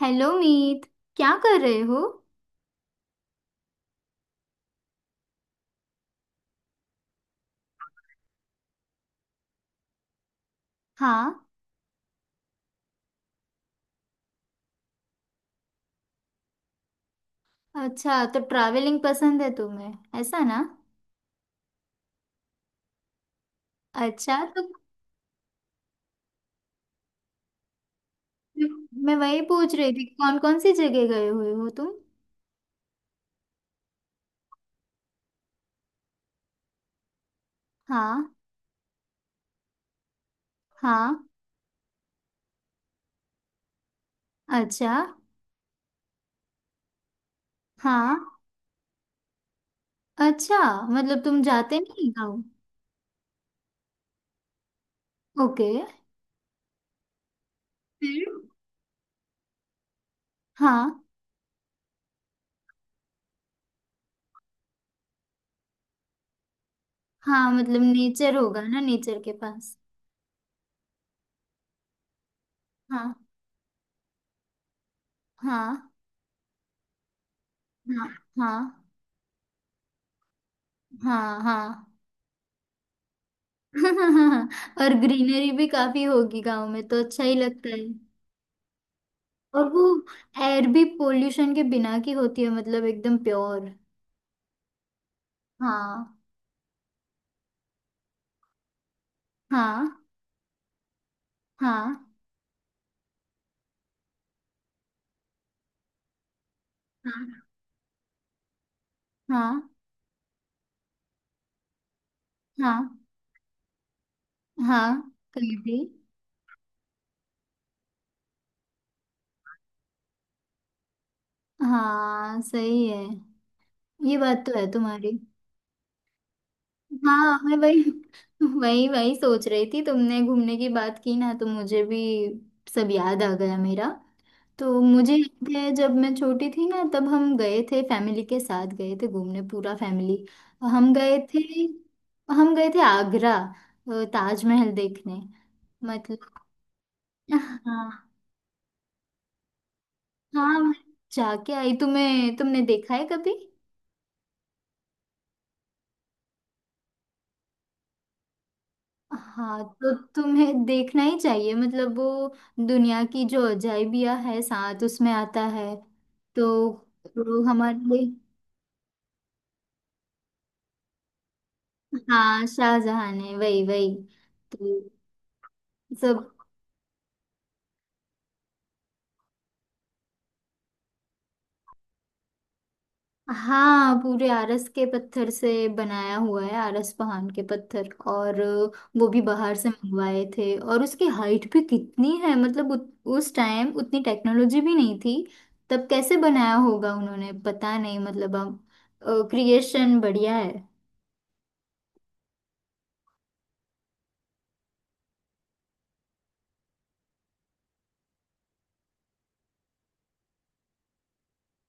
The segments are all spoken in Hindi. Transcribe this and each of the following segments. हेलो मीत। क्या कर रहे हो? हाँ। अच्छा, तो ट्रैवलिंग पसंद है तुम्हें, ऐसा ना? अच्छा, तो। मैं वही पूछ रही थी, कौन कौन सी जगह गए हुए हो तुम। हाँ। हाँ। अच्छा। हाँ। अच्छा, मतलब तुम जाते नहीं गाँव? ओके। फिर? हाँ। हाँ, मतलब नेचर होगा ना, नेचर के पास। हाँ। हाँ। हाँ। हाँ। हाँ। हाँ। और ग्रीनरी भी काफी होगी गांव में, तो अच्छा ही लगता है। और वो एयर भी पोल्यूशन के बिना की होती है, मतलब एकदम प्योर। हाँ। हाँ। हाँ। हाँ। हाँ। हाँ। हाँ, कहीं भी। हाँ सही है। ये बात तो है तुम्हारी। हाँ, मैं वही वही वही सोच रही थी, तुमने घूमने की बात की ना, तो मुझे भी सब याद आ गया मेरा। तो मुझे याद है, जब मैं छोटी थी ना, तब हम गए थे, फैमिली के साथ गए थे घूमने, पूरा फैमिली। हम गए थे। हम गए थे आगरा, ताजमहल देखने। मतलब। हाँ। हाँ, मैं जाके आई। तुम्हें, तुमने देखा है कभी? हाँ, तो तुम्हें देखना ही चाहिए, मतलब वो दुनिया की जो अजाइबिया है साथ, उसमें आता है। तो। तो हमारे लिए। हाँ, शाहजहां ने। वही वही। तो सब। हाँ, पूरे आरस के पत्थर से बनाया हुआ है, आरस पहाड़ के पत्थर, और वो भी बाहर से मंगवाए थे। और उसकी हाइट भी कितनी है! मतलब उस टाइम उतनी टेक्नोलॉजी भी नहीं थी। तब कैसे बनाया होगा उन्होंने, पता नहीं। मतलब, अब क्रिएशन बढ़िया है।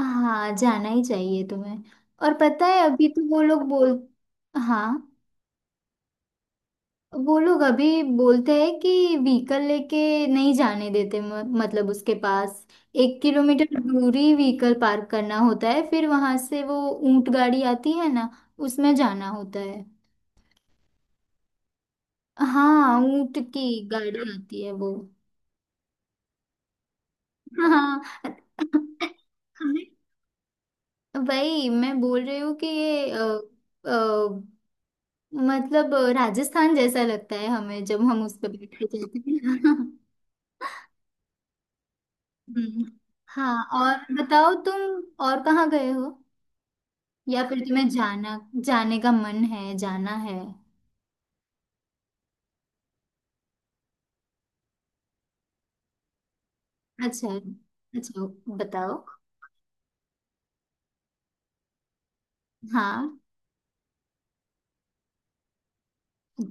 हाँ, जाना ही चाहिए तुम्हें। और पता है, अभी तो वो लोग बोल। हाँ, वो लोग अभी बोलते हैं कि व्हीकल लेके नहीं जाने देते, मतलब उसके पास 1 किलोमीटर दूरी व्हीकल पार्क करना होता है, फिर वहां से वो ऊंट गाड़ी आती है ना, उसमें जाना होता है। हाँ, ऊंट की गाड़ी आती है वो। हाँ, वही मैं बोल रही हूँ कि ये अ, मतलब राजस्थान जैसा लगता है हमें, जब हम उस पर बैठे जाते हैं। हम्म। हाँ। और बताओ तुम, और कहाँ गए हो? या फिर तुम्हें जाना, जाने का मन है, जाना है। अच्छा। अच्छा, बताओ। हाँ।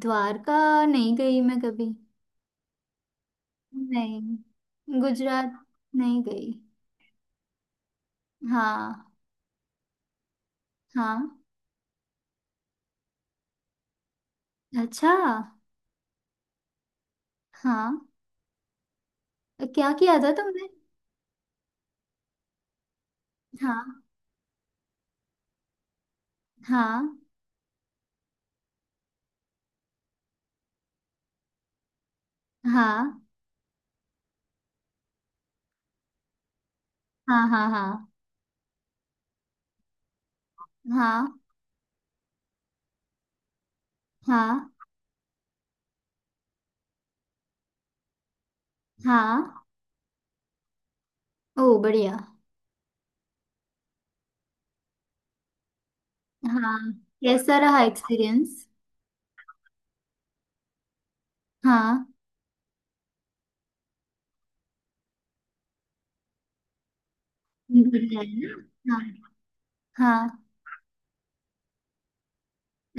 द्वारका? नहीं गई मैं कभी। नहीं। गुजरात, नहीं गई। हाँ। हाँ। अच्छा। हाँ, क्या किया था तुमने? हाँ। हाँ। हाँ। हाँ। हाँ। हाँ। हाँ। हाँ। हाँ। ओ, बढ़िया। हाँ, कैसा रहा एक्सपीरियंस? हाँ बिल्कुल है ना। हाँ।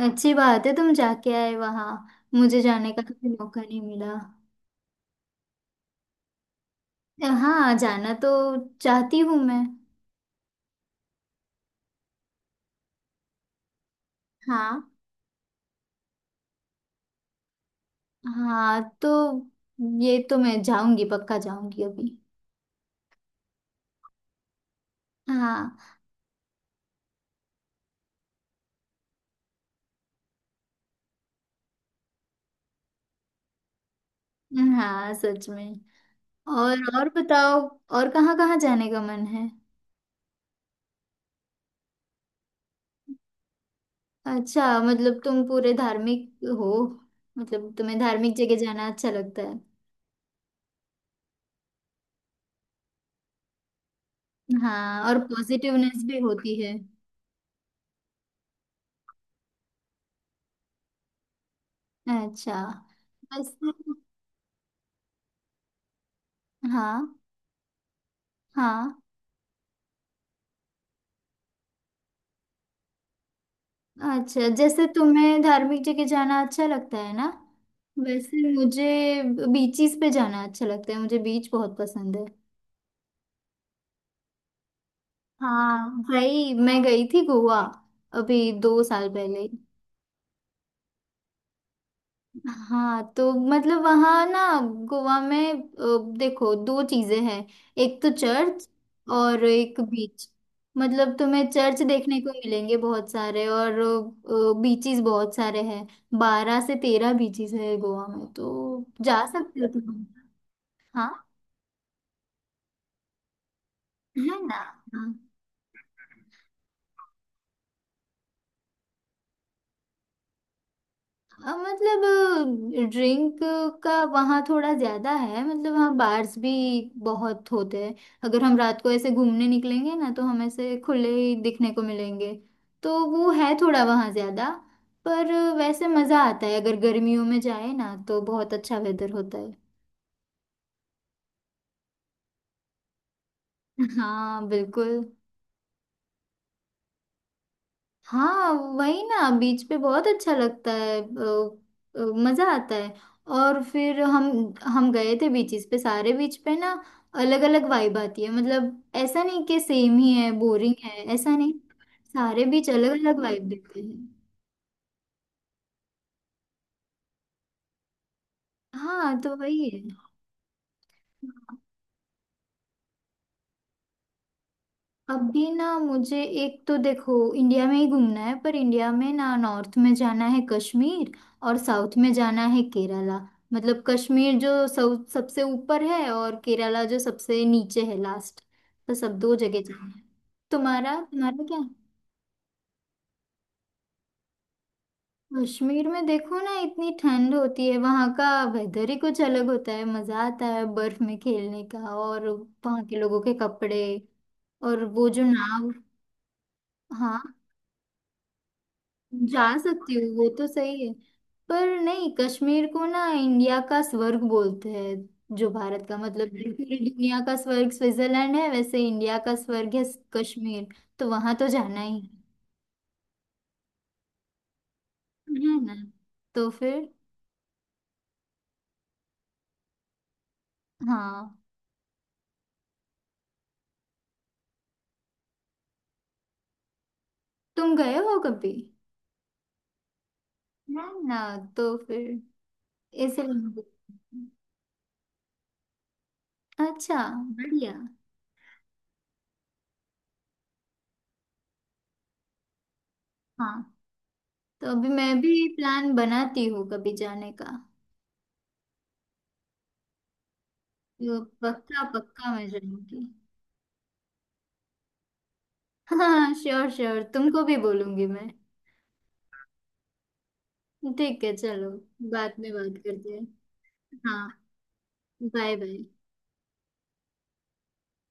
हाँ, अच्छी बात है तुम जाके आए वहाँ। मुझे जाने का कभी मौका नहीं मिला। हाँ, जाना तो चाहती हूँ मैं। हाँ। हाँ, तो ये तो मैं जाऊंगी, पक्का जाऊंगी अभी। हाँ। हाँ सच में। और बताओ, और कहाँ कहाँ जाने का मन है? अच्छा, मतलब तुम पूरे धार्मिक हो? मतलब तुम्हें धार्मिक जगह जाना अच्छा लगता है? हाँ, और पॉजिटिवनेस भी होती है। अच्छा। वैसे। हाँ। हाँ। अच्छा, जैसे तुम्हें धार्मिक जगह जाना अच्छा लगता है ना, वैसे मुझे बीचेस पे जाना अच्छा लगता है, मुझे बीच बहुत पसंद है। हाँ भाई, मैं गई थी गोवा, अभी 2 साल पहले। हाँ, तो मतलब वहाँ ना, गोवा में देखो दो चीजें हैं, एक तो चर्च और एक बीच। मतलब तुम्हें चर्च देखने को मिलेंगे बहुत सारे, और बीचेस बहुत सारे हैं। 12 से 13 बीचेस है गोवा में, तो जा सकते हो तुम। हाँ। है ना? हाँ। हाँ, मतलब ड्रिंक का वहाँ थोड़ा ज्यादा है, मतलब वहाँ बार्स भी बहुत होते हैं। अगर हम रात को ऐसे घूमने निकलेंगे ना, तो हम ऐसे खुले ही दिखने को मिलेंगे। तो वो है थोड़ा वहाँ ज्यादा। पर वैसे मजा आता है, अगर गर्मियों में जाए ना, तो बहुत अच्छा वेदर होता है। हाँ बिल्कुल। हाँ वही ना, बीच पे बहुत अच्छा लगता है। अ, मजा आता है। और फिर हम गए थे बीचेस पे, सारे बीच पे ना अलग अलग वाइब आती है, मतलब ऐसा नहीं कि सेम ही है, बोरिंग है, ऐसा नहीं। सारे बीच अलग अलग वाइब देते हैं। हाँ, तो वही है। अभी ना मुझे एक तो देखो इंडिया में ही घूमना है, पर इंडिया में ना, नॉर्थ में जाना है कश्मीर, और साउथ में जाना है केरला। मतलब कश्मीर जो सब सबसे ऊपर है, और केरला जो सबसे नीचे है, लास्ट। तो सब दो जगह जाना है। तुम्हारा तुम्हारा क्या? कश्मीर में देखो ना, इतनी ठंड होती है, वहाँ का वेदर ही कुछ अलग होता है। मजा आता है बर्फ में खेलने का, और वहाँ के लोगों के कपड़े, और वो जो नाव। हाँ, जा सकती हूँ वो तो सही है। पर नहीं, कश्मीर को ना इंडिया का स्वर्ग बोलते हैं। जो भारत का मतलब, जो पूरी दुनिया का स्वर्ग स्विट्जरलैंड है, वैसे इंडिया का स्वर्ग है कश्मीर। तो वहां तो जाना ही है। है ना? तो फिर। हाँ, तुम गए हो कभी? ना। ना, तो फिर, इसलिए मुझे- अच्छा। बढ़िया। हाँ, तो अभी मैं भी प्लान बनाती हूँ कभी जाने का। तो पक्का पक्का मैं जाऊंगी। हाँ श्योर श्योर, तुमको भी बोलूंगी मैं। ठीक है, चलो बाद में बात करते हैं। हाँ, बाय बाय।